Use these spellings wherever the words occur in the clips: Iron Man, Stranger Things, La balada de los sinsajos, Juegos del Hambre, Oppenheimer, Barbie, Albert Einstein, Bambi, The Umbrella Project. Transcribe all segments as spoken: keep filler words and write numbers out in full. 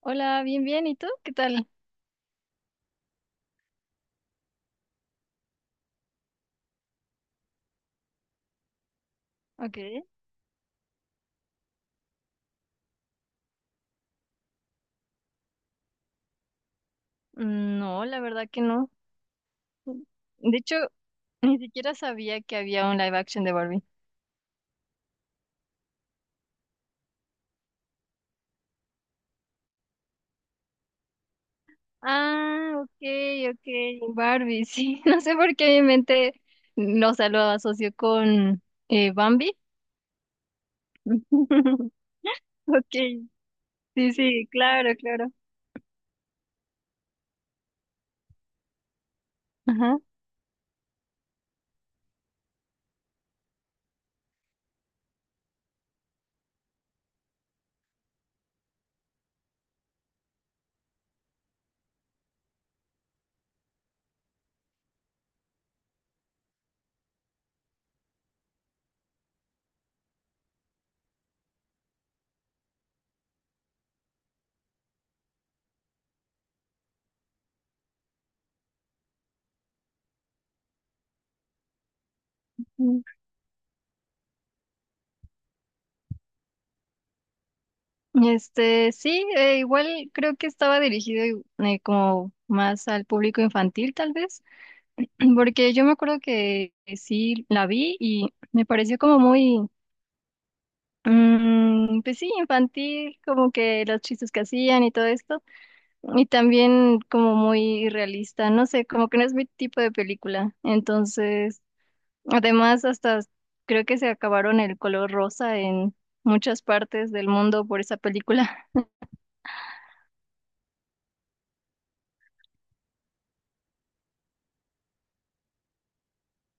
Hola, bien, bien. ¿Y tú? ¿Qué tal? Ok. Mm, no, la verdad que no. De hecho, ni siquiera sabía que había un live action de Barbie. Ah, ok, ok. Barbie, sí. No sé por qué mi mente, no, o sea, lo asoció con eh, Bambi. Ok. Sí, sí, claro, claro. Ajá. Mm. Este, sí, eh, igual creo que estaba dirigido eh, como más al público infantil, tal vez. Porque yo me acuerdo que que sí la vi y me pareció como muy, mm, pues sí, infantil, como que los chistes que hacían y todo esto, y también como muy realista, no sé, como que no es mi tipo de película. Entonces, además, hasta creo que se acabaron el color rosa en muchas partes del mundo por esa película.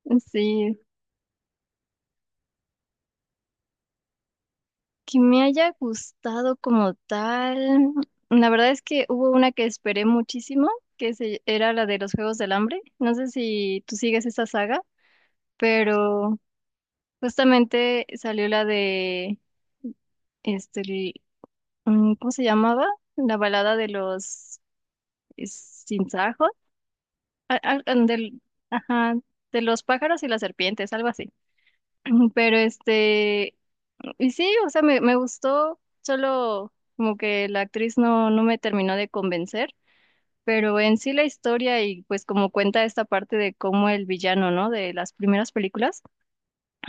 Sí. Que me haya gustado como tal. La verdad es que hubo una que esperé muchísimo, que se, era la de los Juegos del Hambre. No sé si tú sigues esa saga, pero justamente salió la de, este, el- mm, ¿cómo se llamaba? La balada de los es- sinsajos, a- a- del, ajá, de los pájaros y las serpientes, algo así. Pero este, y sí, o sea, me, me gustó, solo como que la actriz no, no me terminó de convencer, pero en sí la historia y pues como cuenta esta parte de cómo el villano, ¿no? De las primeras películas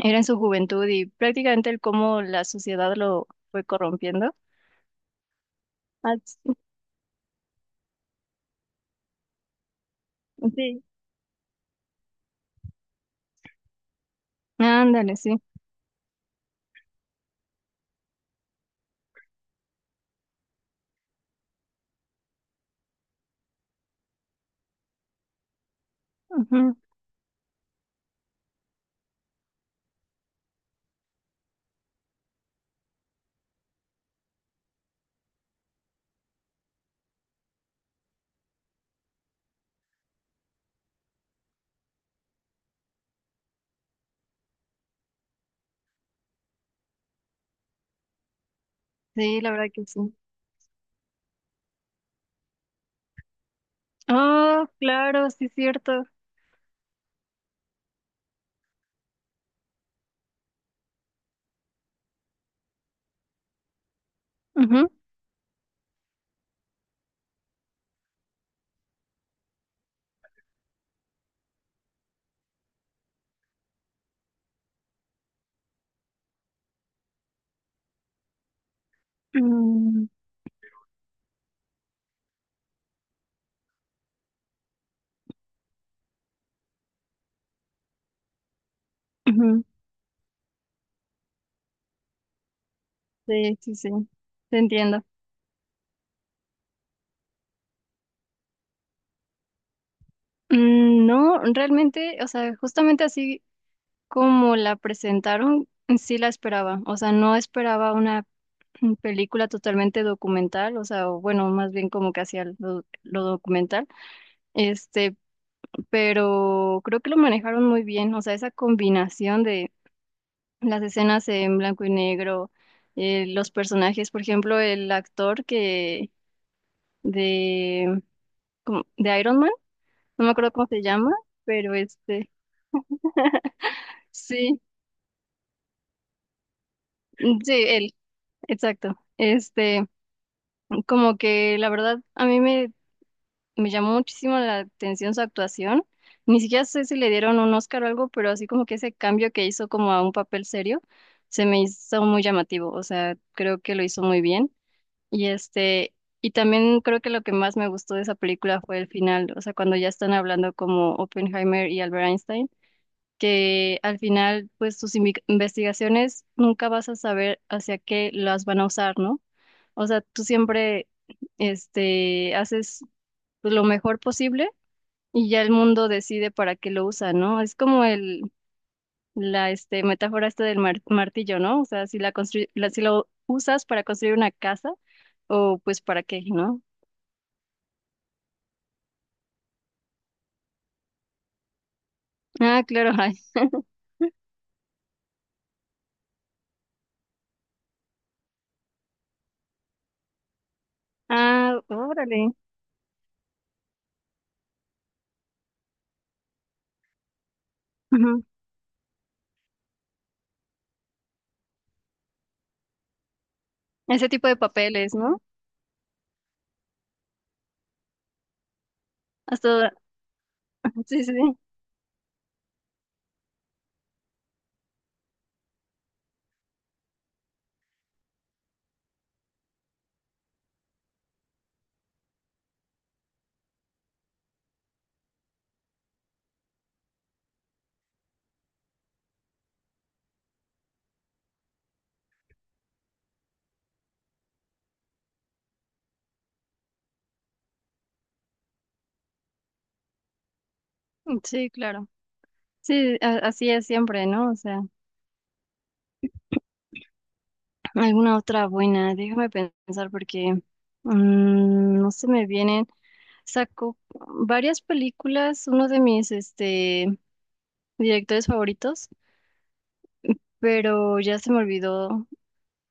era en su juventud y prácticamente el cómo la sociedad lo fue corrompiendo. Ah, sí. Sí. Ándale, sí. Ujú. Sí, la verdad que sí. Oh, claro, sí, cierto. Ujú. Mm, ujú. Sí, sí, sí. Te entiendo. Mm, no, realmente, o sea, justamente así como la presentaron, sí la esperaba. O sea, no esperaba una mm, película totalmente documental, o sea, o bueno, más bien como que hacía lo, lo documental. Este, pero creo que lo manejaron muy bien. O sea, esa combinación de las escenas en blanco y negro, eh, los personajes, por ejemplo, el actor que de, como- de Iron Man, no me acuerdo cómo se llama, pero este, sí. Sí, él. Exacto. Este, como que la verdad a mí me, me llamó muchísimo la atención su actuación. Ni siquiera sé si le dieron un Oscar o algo, pero así como que ese cambio que hizo como a un papel serio se me hizo muy llamativo. O sea, creo que lo hizo muy bien. Y, este, y también creo que lo que más me gustó de esa película fue el final. O sea, cuando ya están hablando como Oppenheimer y Albert Einstein, que al final, pues tus invi- investigaciones nunca vas a saber hacia qué las van a usar, ¿no? O sea, tú siempre, este, haces pues, lo mejor posible y ya el mundo decide para qué lo usa, ¿no? Es como el, la, este, metáfora esta del mar- martillo, ¿no? O sea, si la construy- la- si lo usas para construir una casa o pues para qué, ¿no? Ah, claro, ay. Ah, órale. Ujú. Ese tipo de papeles, ¿no? Hasta, sí, sí, sí. Sí, claro. Sí, a- así es siempre, ¿no? O sea. Alguna otra buena, déjame pensar porque mm, no se me vienen. Saco varias películas, uno de mis este, directores favoritos, pero ya se me olvidó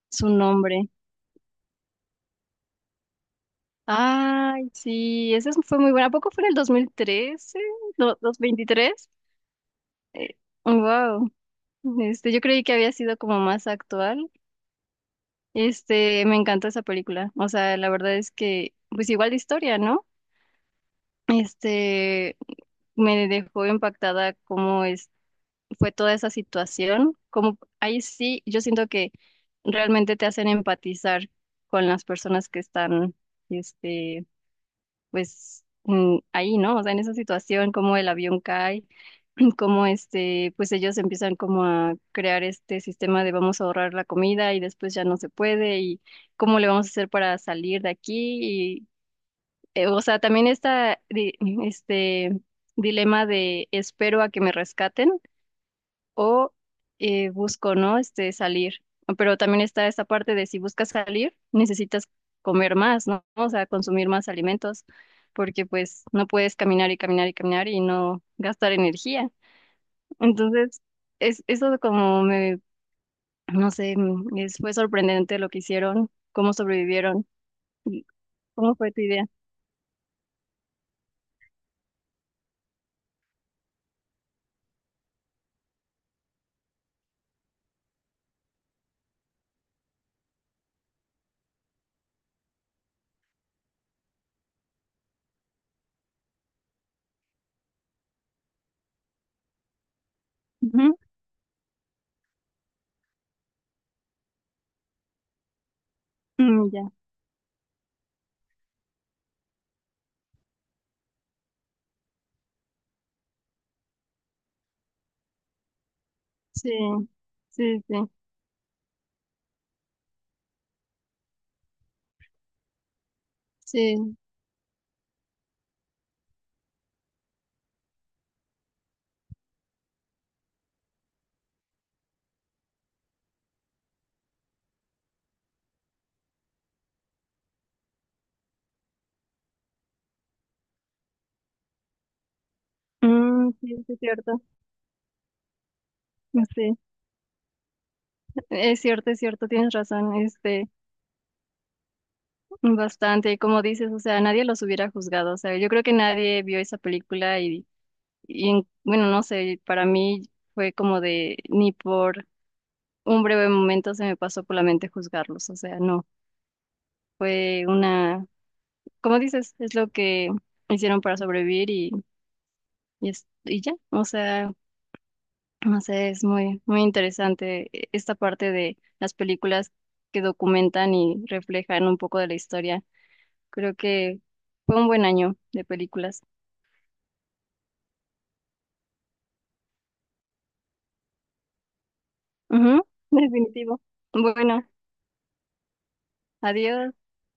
su nombre. Ay, sí, esa es- fue muy buena. ¿A poco fue en el dos mil trece? ¿Do- ¿dos mil veintitrés? Eh, wow. Este, yo creí que había sido como más actual. Este, me encantó esa película. O sea, la verdad es que, pues igual de historia, ¿no? Este, me dejó impactada cómo es, fue toda esa situación. Como ahí sí, yo siento que realmente te hacen empatizar con las personas que están, este, pues mm, ahí, ¿no? O sea, en esa situación, cómo el avión cae, cómo este, pues ellos empiezan como a crear este sistema de vamos a ahorrar la comida y después ya no se puede y cómo le vamos a hacer para salir de aquí eh, o sea, también está di- este dilema de espero a que me rescaten o eh, busco, ¿no? Este salir. Pero también está esta parte de si buscas salir, necesitas comer más, ¿no? O sea, consumir más alimentos, porque pues no puedes caminar y caminar y caminar y no gastar energía. Entonces, es, eso como me, no sé, mm, es- fue sorprendente lo que hicieron, cómo sobrevivieron. Y, ¿cómo fue tu idea? Ujú. Mm, ya. Sí, sí, sí, sí. Mm, sí, sí, es cierto. Sí, es cierto, es cierto, tienes razón, este, bastante, como dices, o sea, nadie los hubiera juzgado, o sea, yo creo que nadie vio esa película y, y en- bueno, no sé, para mí fue como de, ni por un breve momento se me pasó por la mente juzgarlos, o sea, no, fue una, como dices, es lo que hicieron para sobrevivir y, y, es- y ya, o sea. No sé, es muy, muy interesante eh, esta parte de las películas que documentan y reflejan un poco de la historia. Creo que fue un buen año de películas. Ujú, definitivo. Bueno, adiós.